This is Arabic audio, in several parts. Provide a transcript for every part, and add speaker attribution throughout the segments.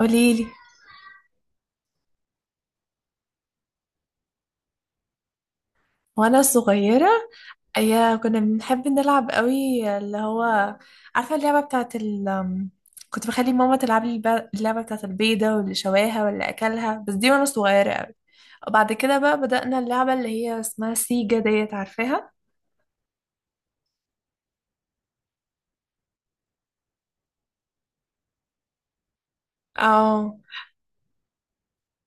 Speaker 1: قوليلي. وانا صغيرة، ايا كنا بنحب نلعب قوي، اللي هو عارفة اللعبة بتاعت ال أم، كنت بخلي ماما تلعب لي اللعبة بتاعت البيضة واللي شواها واللي اكلها. بس دي وانا صغيرة قوي. وبعد كده بقى بدأنا اللعبة اللي هي اسمها سيجا ديت، عارفاها. اه.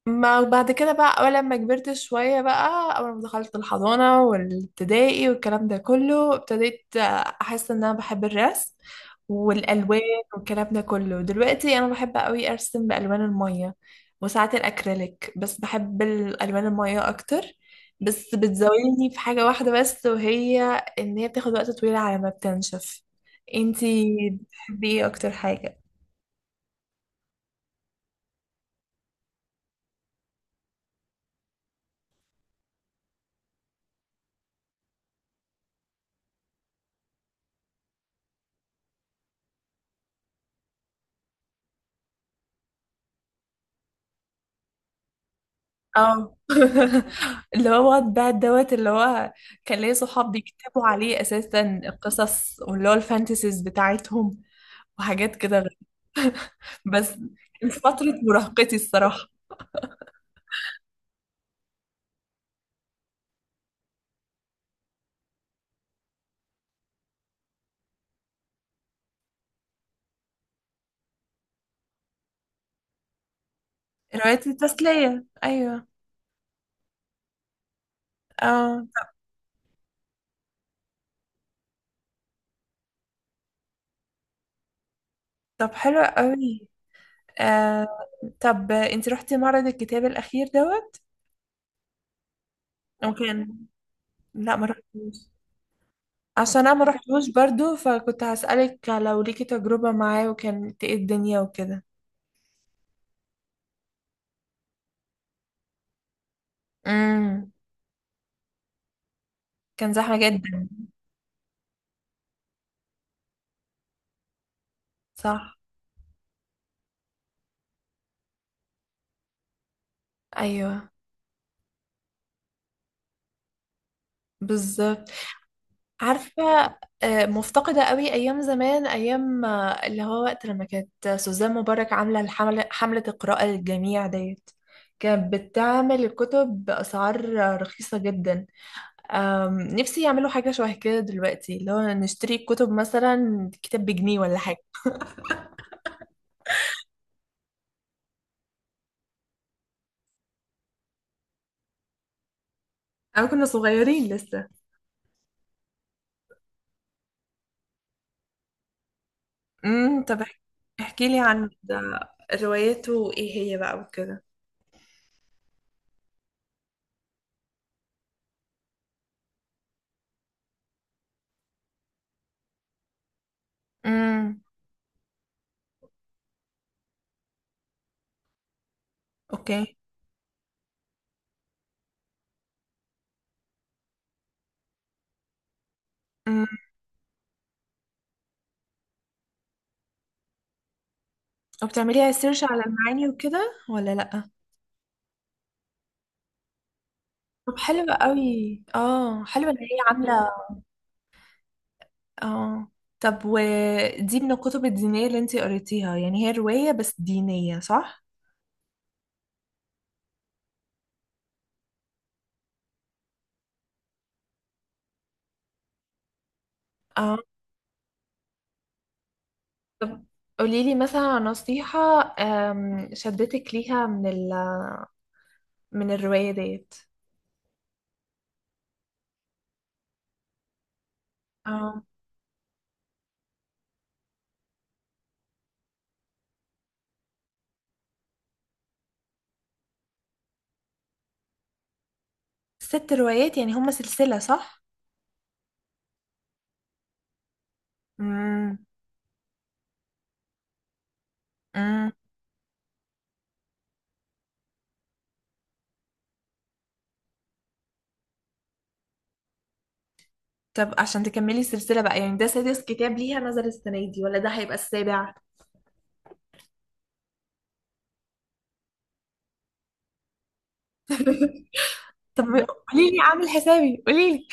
Speaker 1: ما بعد كده بقى، أول لما كبرت شوية بقى، أول ما دخلت الحضانة والابتدائي والكلام ده كله، ابتديت أحس إن أنا بحب الرسم والألوان والكلام ده كله. دلوقتي أنا بحب أوي أرسم بألوان المية، وساعات الأكريليك، بس بحب الألوان المية أكتر. بس بتزاولني في حاجة واحدة بس، وهي إن هي بتاخد وقت طويل على ما بتنشف. انتي بتحبي ايه أكتر حاجة؟ اه. اللي هو بقى الدوت، اللي هو كان ليا صحاب بيكتبوا عليه اساسا القصص، واللي هو الفانتسيز بتاعتهم، وحاجات كده بس كان في فترة مراهقتي الصراحة. روايات التسلية، ايوه. اه. طب حلو قوي. آه طب انت رحتي معرض الكتاب الاخير دوت وكان لا ما رحتوش؟ عشان انا ما رحتوش برضو، فكنت هسألك لو ليكي تجربة معاه، وكانت ايه الدنيا وكده. امم كان زحمة جدا؟ صح. ايوه. بالظبط. عارفه. مفتقده قوي ايام زمان، ايام اللي هو وقت لما كانت سوزان مبارك عامله الحمله، حمله القراءه للجميع ديت، كانت بتعمل الكتب باسعار رخيصه جدا. نفسي يعملوا حاجه شبه كده دلوقتي، اللي هو نشتري الكتب مثلا كتاب بجنيه ولا حاجه. انا كنا صغيرين لسه. امم. طب احكي لي عن ده، روايته ايه هي بقى وكده. امم. اوكي. وبتعمليها سيرش على المعاني وكده ولا لأ؟ طب حلوة قوي، اه حلوة ان هي عاملة. اه. طب ودي من الكتب الدينية اللي انتي قريتيها، يعني هي رواية بس دينية صح؟ اه. طب قوليلي مثلا عن نصيحة شدتك ليها من الرواية ديت. اه. ست روايات، يعني هما سلسلة صح؟ امم. امم. طب عشان تكملي السلسلة بقى، يعني ده سادس كتاب ليها نزل السنة دي ولا ده هيبقى السابع؟ طب قولي لي عامل حسابي، قولي لي.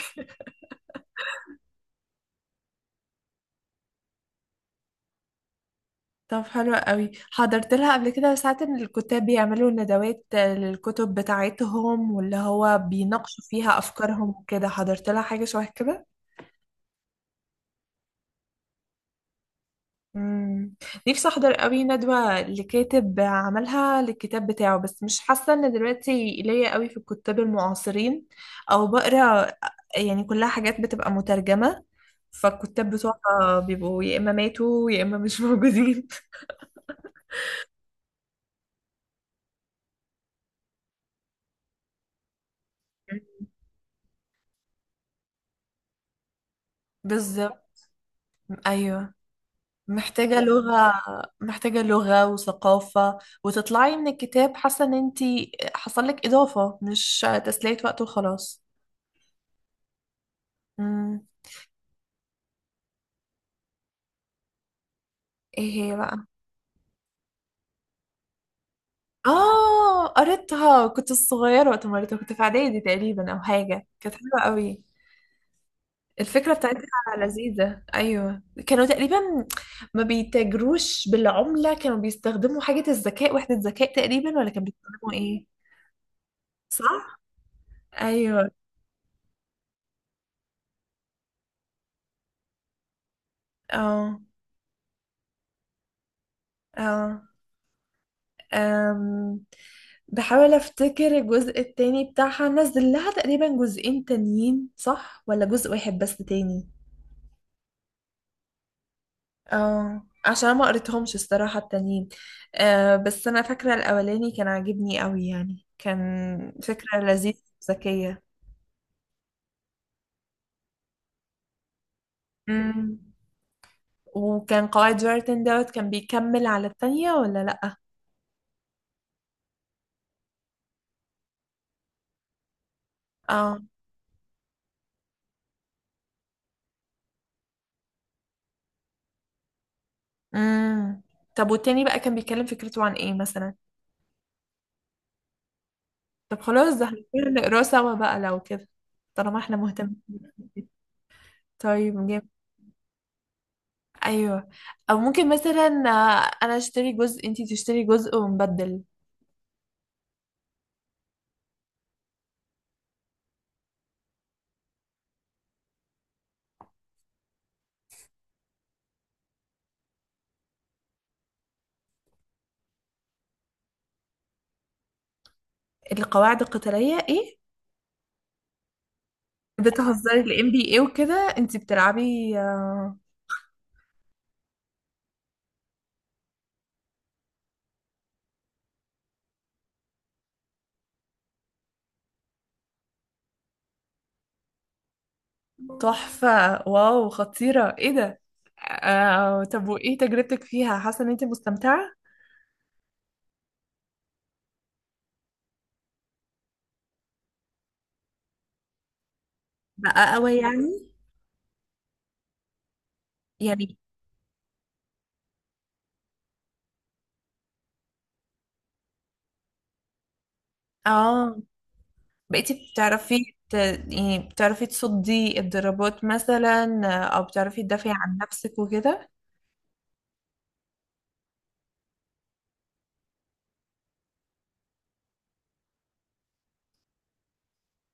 Speaker 1: طب حلو قوي. حضرت لها قبل كده ساعات ان الكتاب بيعملوا ندوات للكتب بتاعتهم، واللي هو بيناقشوا فيها افكارهم وكده؟ حضرت لها حاجه شبه كده. امم. نفسي احضر قوي ندوه لكاتب عملها للكتاب بتاعه، بس مش حاسه ان دلوقتي ليا قوي في الكتاب المعاصرين او بقرا، يعني كلها حاجات بتبقى مترجمه. فالكتاب بتوعها بيبقوا يا اما ماتوا يا اما مش موجودين. بالظبط. ايوه. محتاجة لغة. محتاجة لغة وثقافة، وتطلعي من الكتاب حاسة ان انتي حصل لك اضافة، مش تسلية وقت وخلاص. امم. ايه هي بقى؟ اه قريتها، كنت صغيرة وقت ما قريتها، كنت في اعدادي تقريبا او حاجة. كانت حلوة قوي الفكرة بتاعتها. لذيذة، ايوه. كانوا تقريبا ما بيتاجروش بالعملة، كانوا بيستخدموا حاجة الذكاء، وحدة ذكاء تقريبا، ولا كانوا بيستخدموا ايه؟ صح. ايوه. اه. اه. أم، بحاول افتكر الجزء التاني بتاعها، نزل لها تقريبا جزئين تانيين صح ولا جزء واحد بس تاني؟ اه، عشان ما قريتهمش الصراحة التانيين. بس انا فاكرة الاولاني كان عاجبني قوي، يعني كان فكرة لذيذة وذكية. امم. وكان قواعد جارتن دوت، كان بيكمل على التانية ولا لأ؟ اه. امم طب والتاني بقى كان بيتكلم فكرته عن ايه مثلا؟ طب خلاص ده هنقول نقراه سوا بقى لو كده، طالما احنا مهتمين. طيب جيم. ايوه. او ممكن مثلا، انا اشتري جزء انتي تشتري جزء ونبدل. القواعد القتالية ايه؟ بتهزري الام بي اي وكده؟ انتي بتلعبي تحفة. واو، خطيرة، ايه ده. طب وايه تجربتك فيها، حاسة ان انتي مستمتعة؟ بقى قوي يعني، اه بقيتي بتعرفي يعني بتعرفي تصدي الضربات مثلا، او بتعرفي تدافعي عن نفسك وكده؟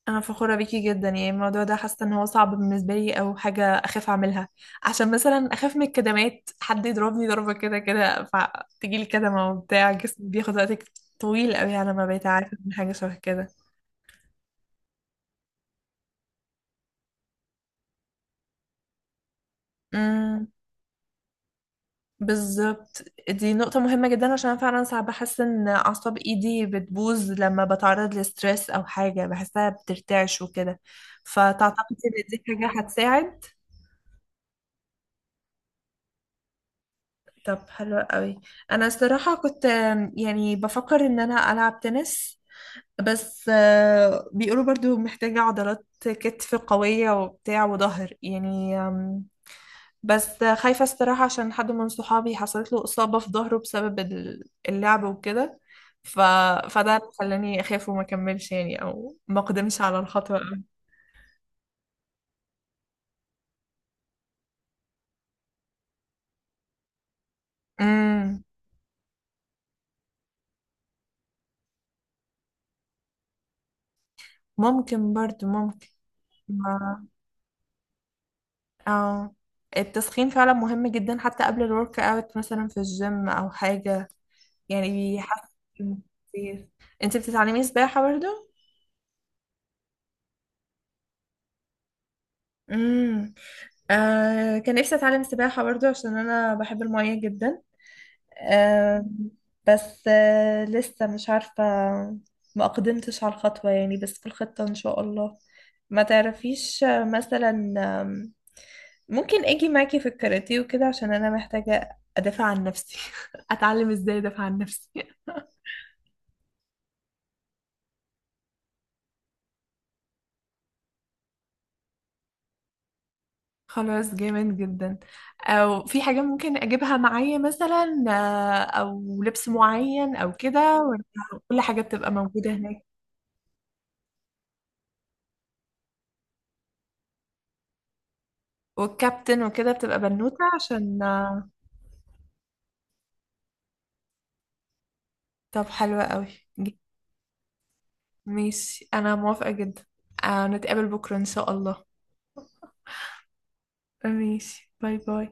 Speaker 1: انا فخورة بيكي جدا. يعني الموضوع ده حاسة ان هو صعب بالنسبة لي، او حاجة اخاف اعملها. عشان مثلا اخاف من الكدمات، حد يضربني ضربة كده كده، فتجيلي كدمة وبتاع، جسمي بياخد وقت طويل قوي على ما بقيت عارفة من حاجة شبه كده. بالظبط. دي نقطة مهمة جدا عشان أنا فعلا ساعات بحس ان اعصاب ايدي بتبوظ، لما بتعرض لستريس او حاجة بحسها بترتعش وكده. فتعتقد ان دي حاجة هتساعد. طب حلو قوي. انا الصراحة كنت يعني بفكر ان انا العب تنس، بس بيقولوا برضو محتاجة عضلات كتف قوية وبتاع وظهر يعني. بس خايفة الصراحة، عشان حد من صحابي حصلت له إصابة في ظهره بسبب اللعب وكده. ف... فده اللي خلاني أخاف وما أكملش، يعني، أو ما أقدمش على الخطوة أوي. امم. ممكن، برضو ممكن. ما... أو التسخين فعلا مهم جدا، حتى قبل الورك اوت مثلا في الجيم أو حاجة يعني. بيحسن كتير. انت بتتعلمي سباحة برضو؟ امم. كان نفسي أتعلم سباحة برضو، عشان أنا بحب المية جدا. آم، بس لسه مش عارفة. ما أقدمتش على الخطوة يعني، بس في الخطة إن شاء الله. ما تعرفيش مثلا آم، ممكن أجي معاكي في الكاراتيه وكده، عشان أنا محتاجة أدافع عن نفسي. أتعلم إزاي أدافع عن نفسي. خلاص، جامد جدا. أو في حاجة ممكن أجيبها معايا، مثلا أو لبس معين أو كده، ولا كل حاجة بتبقى موجودة هناك؟ والكابتن وكده بتبقى بنوتة عشان طب حلوة قوي. ماشي، انا موافقة جدا. نتقابل بكرة ان شاء الله. ماشي، باي باي.